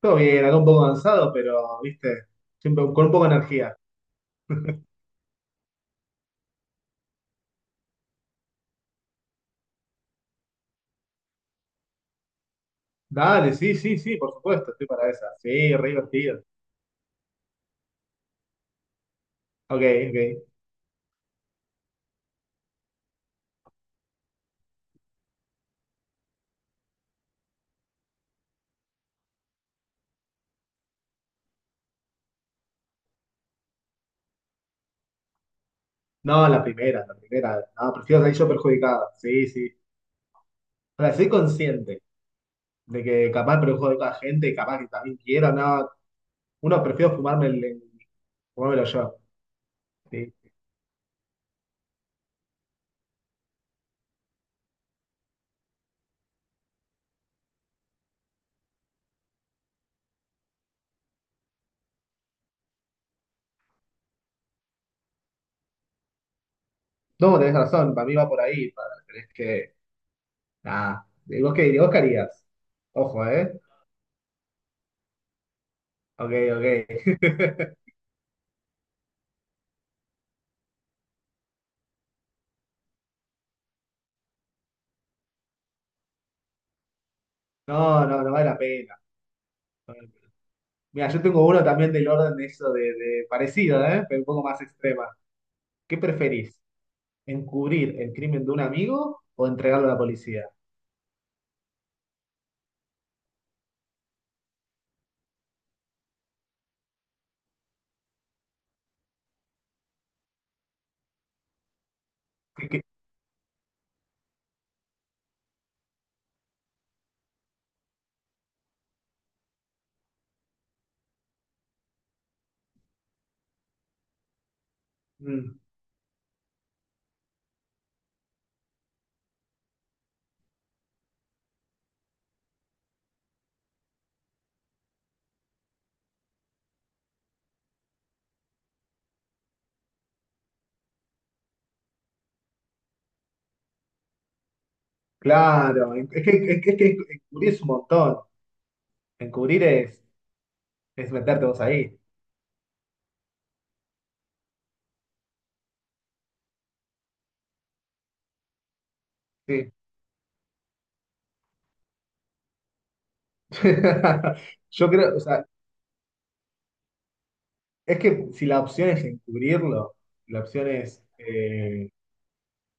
Todo bien, acá un poco cansado, pero, viste, siempre con un poco de energía. Dale, sí, sí, sí, por supuesto, estoy para esa. Sí, re divertido. Ok, ok. No, la primera, la primera. No, prefiero salir yo perjudicado. Sí, sí. O sea, soy consciente de que capaz perjudico a gente, capaz que también quiero, no. Uno prefiero fumármelo yo. Sí. No, tenés razón, para mí va por ahí. Para, tenés que. Nada. ¿Y vos qué harías? Ojo, ¿eh? Ok, ok. No, no, no vale la pena. Mira, yo tengo uno también del orden de eso de parecido, ¿eh? Pero un poco más extrema. ¿Qué preferís? ¿Encubrir el crimen de un amigo o entregarlo a la policía? Que- que- mm, claro, es que encubrir es un montón. Encubrir es meterte vos ahí. Sí. Yo creo, o sea, es que si la opción es encubrirlo, la opción es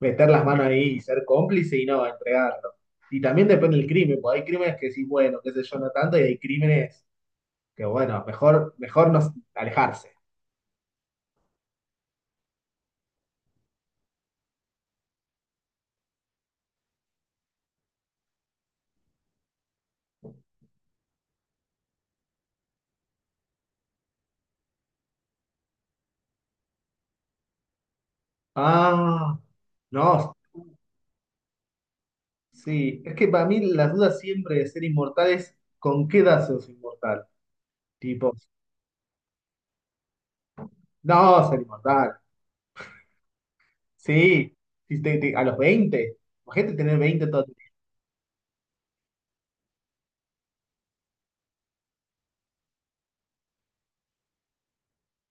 meter las manos ahí y ser cómplice y no entregarlo. Y también depende del crimen, porque hay crímenes que sí, bueno, qué sé yo, no tanto, y hay crímenes que bueno, mejor, mejor no alejarse. Ah, no, sí. Es que para mí la duda siempre de ser inmortal es ¿con qué edad sos inmortal? Tipo, no, ser inmortal. Sí, sí, a los 20. Imagínate tener 20 todo. El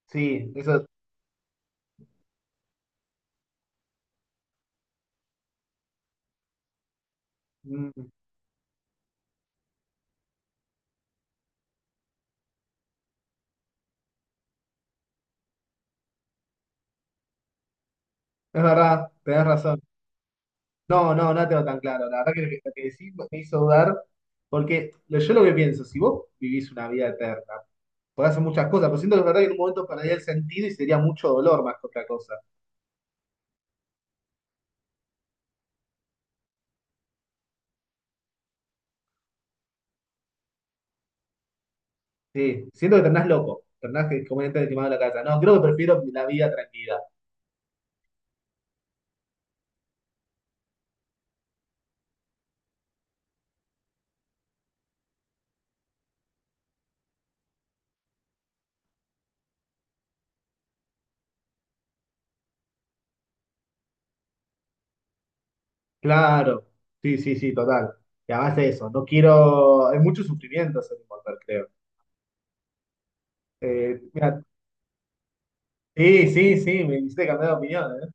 Sí, eso, mm, es verdad, tenés razón. No, no, no tengo tan claro. La verdad que lo que, decís me hizo dudar, porque yo lo que pienso, si vos vivís una vida eterna, podés hacer muchas cosas, pero siento que es verdad que en un momento perdería el sentido y sería mucho dolor más que otra cosa. Sí, siento que tornás loco, tornás que como entra el quemado de la casa. No, creo que prefiero la vida tranquila. Claro, sí, sí, sí, total. Y además de eso, no quiero. Hay mucho sufrimiento ser inmortal, creo. Mira, sí, sí, sí, me hiciste cambiar de opinión, ¿eh?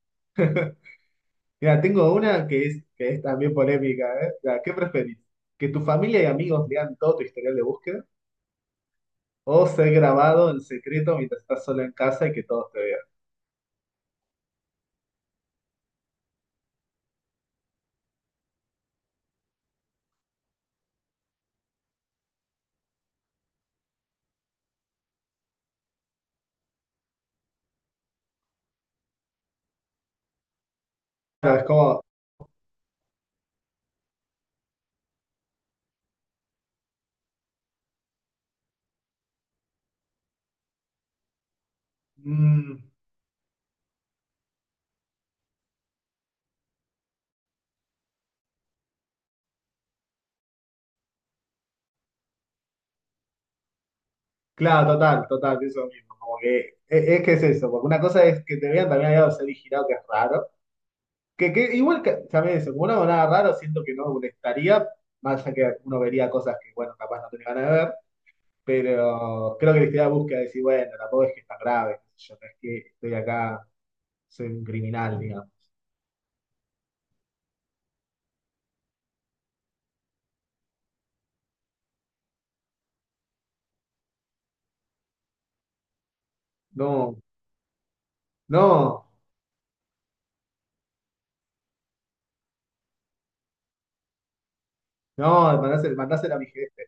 Mira, tengo una que es también polémica, ¿eh? Mira, ¿qué preferís? ¿Que tu familia y amigos lean todo tu historial de búsqueda? ¿O ser grabado en secreto mientras estás solo en casa y que todos te vean? O sea, es como. mm, Claro, total, total, eso mismo. Como que es, que es eso, porque una cosa es que te vean también al lado de ser girado, que es raro. Que igual que, ¿sabes? Como no hago nada raro, siento que no molestaría, más allá que uno vería cosas que, bueno, capaz no tenía ganas de ver, pero creo que la historia busca decir, bueno, tampoco es que es tan grave, qué sé yo, no es que estoy acá, soy un criminal, digamos. No, no, no, mandásela, mandásela a mi jefe.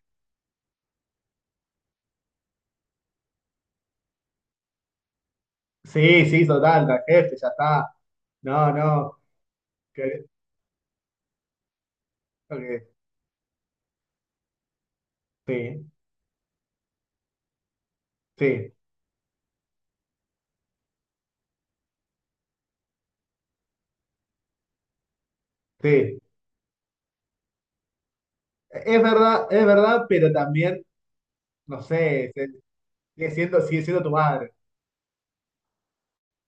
Sí, sí, total, al jefe, ya está. No, no, que, ok, sí, sí, sí. Es verdad, pero también, no sé, sigue siendo tu madre.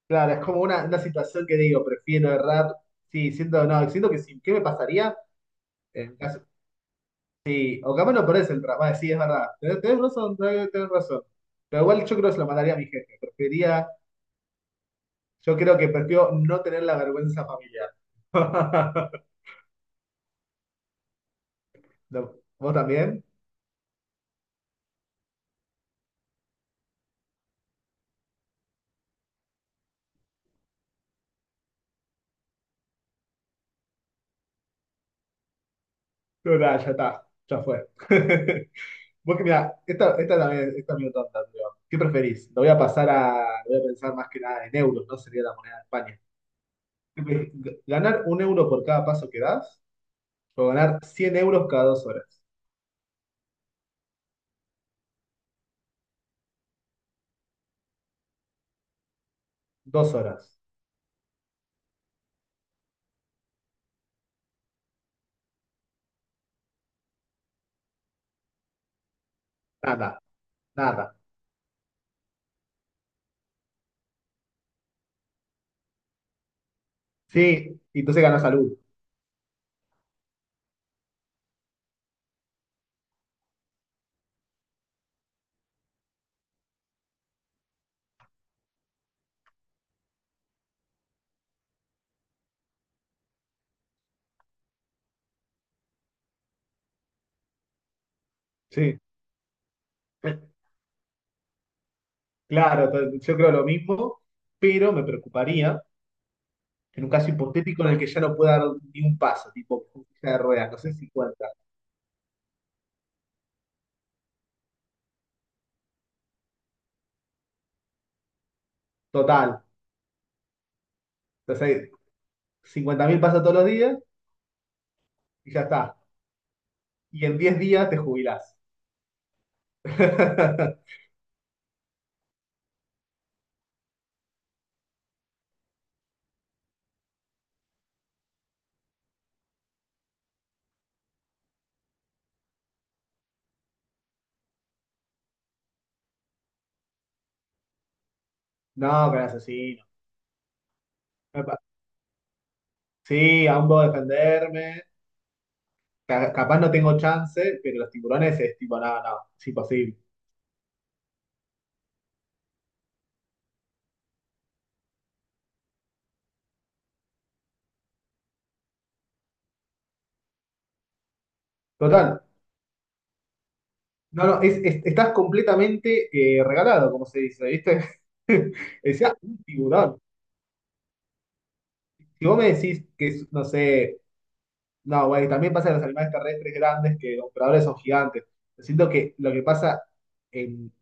Claro, es como una situación que digo, prefiero errar. Sí, siento, no, siento que sí, ¿qué me pasaría? En caso, sí, o capaz no perdés el trabajo. Vale, sí, es verdad. Tenés razón, tenés razón. Pero igual yo creo que se lo mandaría a mi jefe. Prefería, yo creo que prefiero no tener la vergüenza familiar. No, ¿vos también? No, nada, ya está, ya fue. Vos que mirá, esta también, esta medio tonta, pero ¿qué preferís? Lo voy a pensar más que nada en euros, no sería la moneda de España. ¿Qué preferís? ¿Ganar 1 euro por cada paso que das? ¿O ganar 100 euros cada 2 horas? 2 horas. Nada, nada. Sí, y entonces ganás salud. Sí, claro, yo creo lo mismo, pero me preocuparía en un caso hipotético en el que ya no pueda dar ni un paso, tipo silla de ruedas, no sé, cincuenta Total, entonces 50.000 pasos todos los días y ya está. Y en 10 días te jubilás. No, pero asesino. Epa. Sí, aún puedo defenderme. Capaz no tengo chance, pero los tiburones es tipo, nada, no, no, es imposible. Total. No, no, es, estás completamente regalado, como se dice, ¿viste? Decía un tiburón. Si vos me decís que, es, no sé, no, güey, también pasa en los animales terrestres grandes que los depredadores son gigantes. Yo siento que lo que pasa en,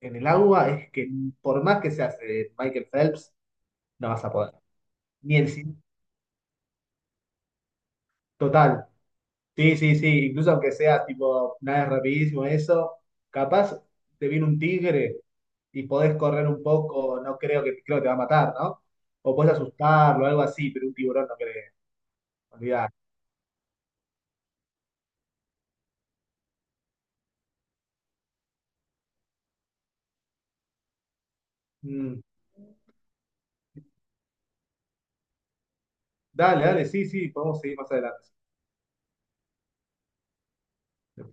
en el agua es que por más que seas Michael Phelps, no vas a poder. Ni el cin- Total. Sí, sí, sí. Incluso aunque seas tipo, nada rapidísimo eso, capaz te viene un tigre y podés correr un poco, no creo que, creo que te va a matar, ¿no? O podés asustarlo, algo así, pero un tiburón no creo. Olvidar. Mm. Dale, dale, sí, sí, podemos seguir más adelante.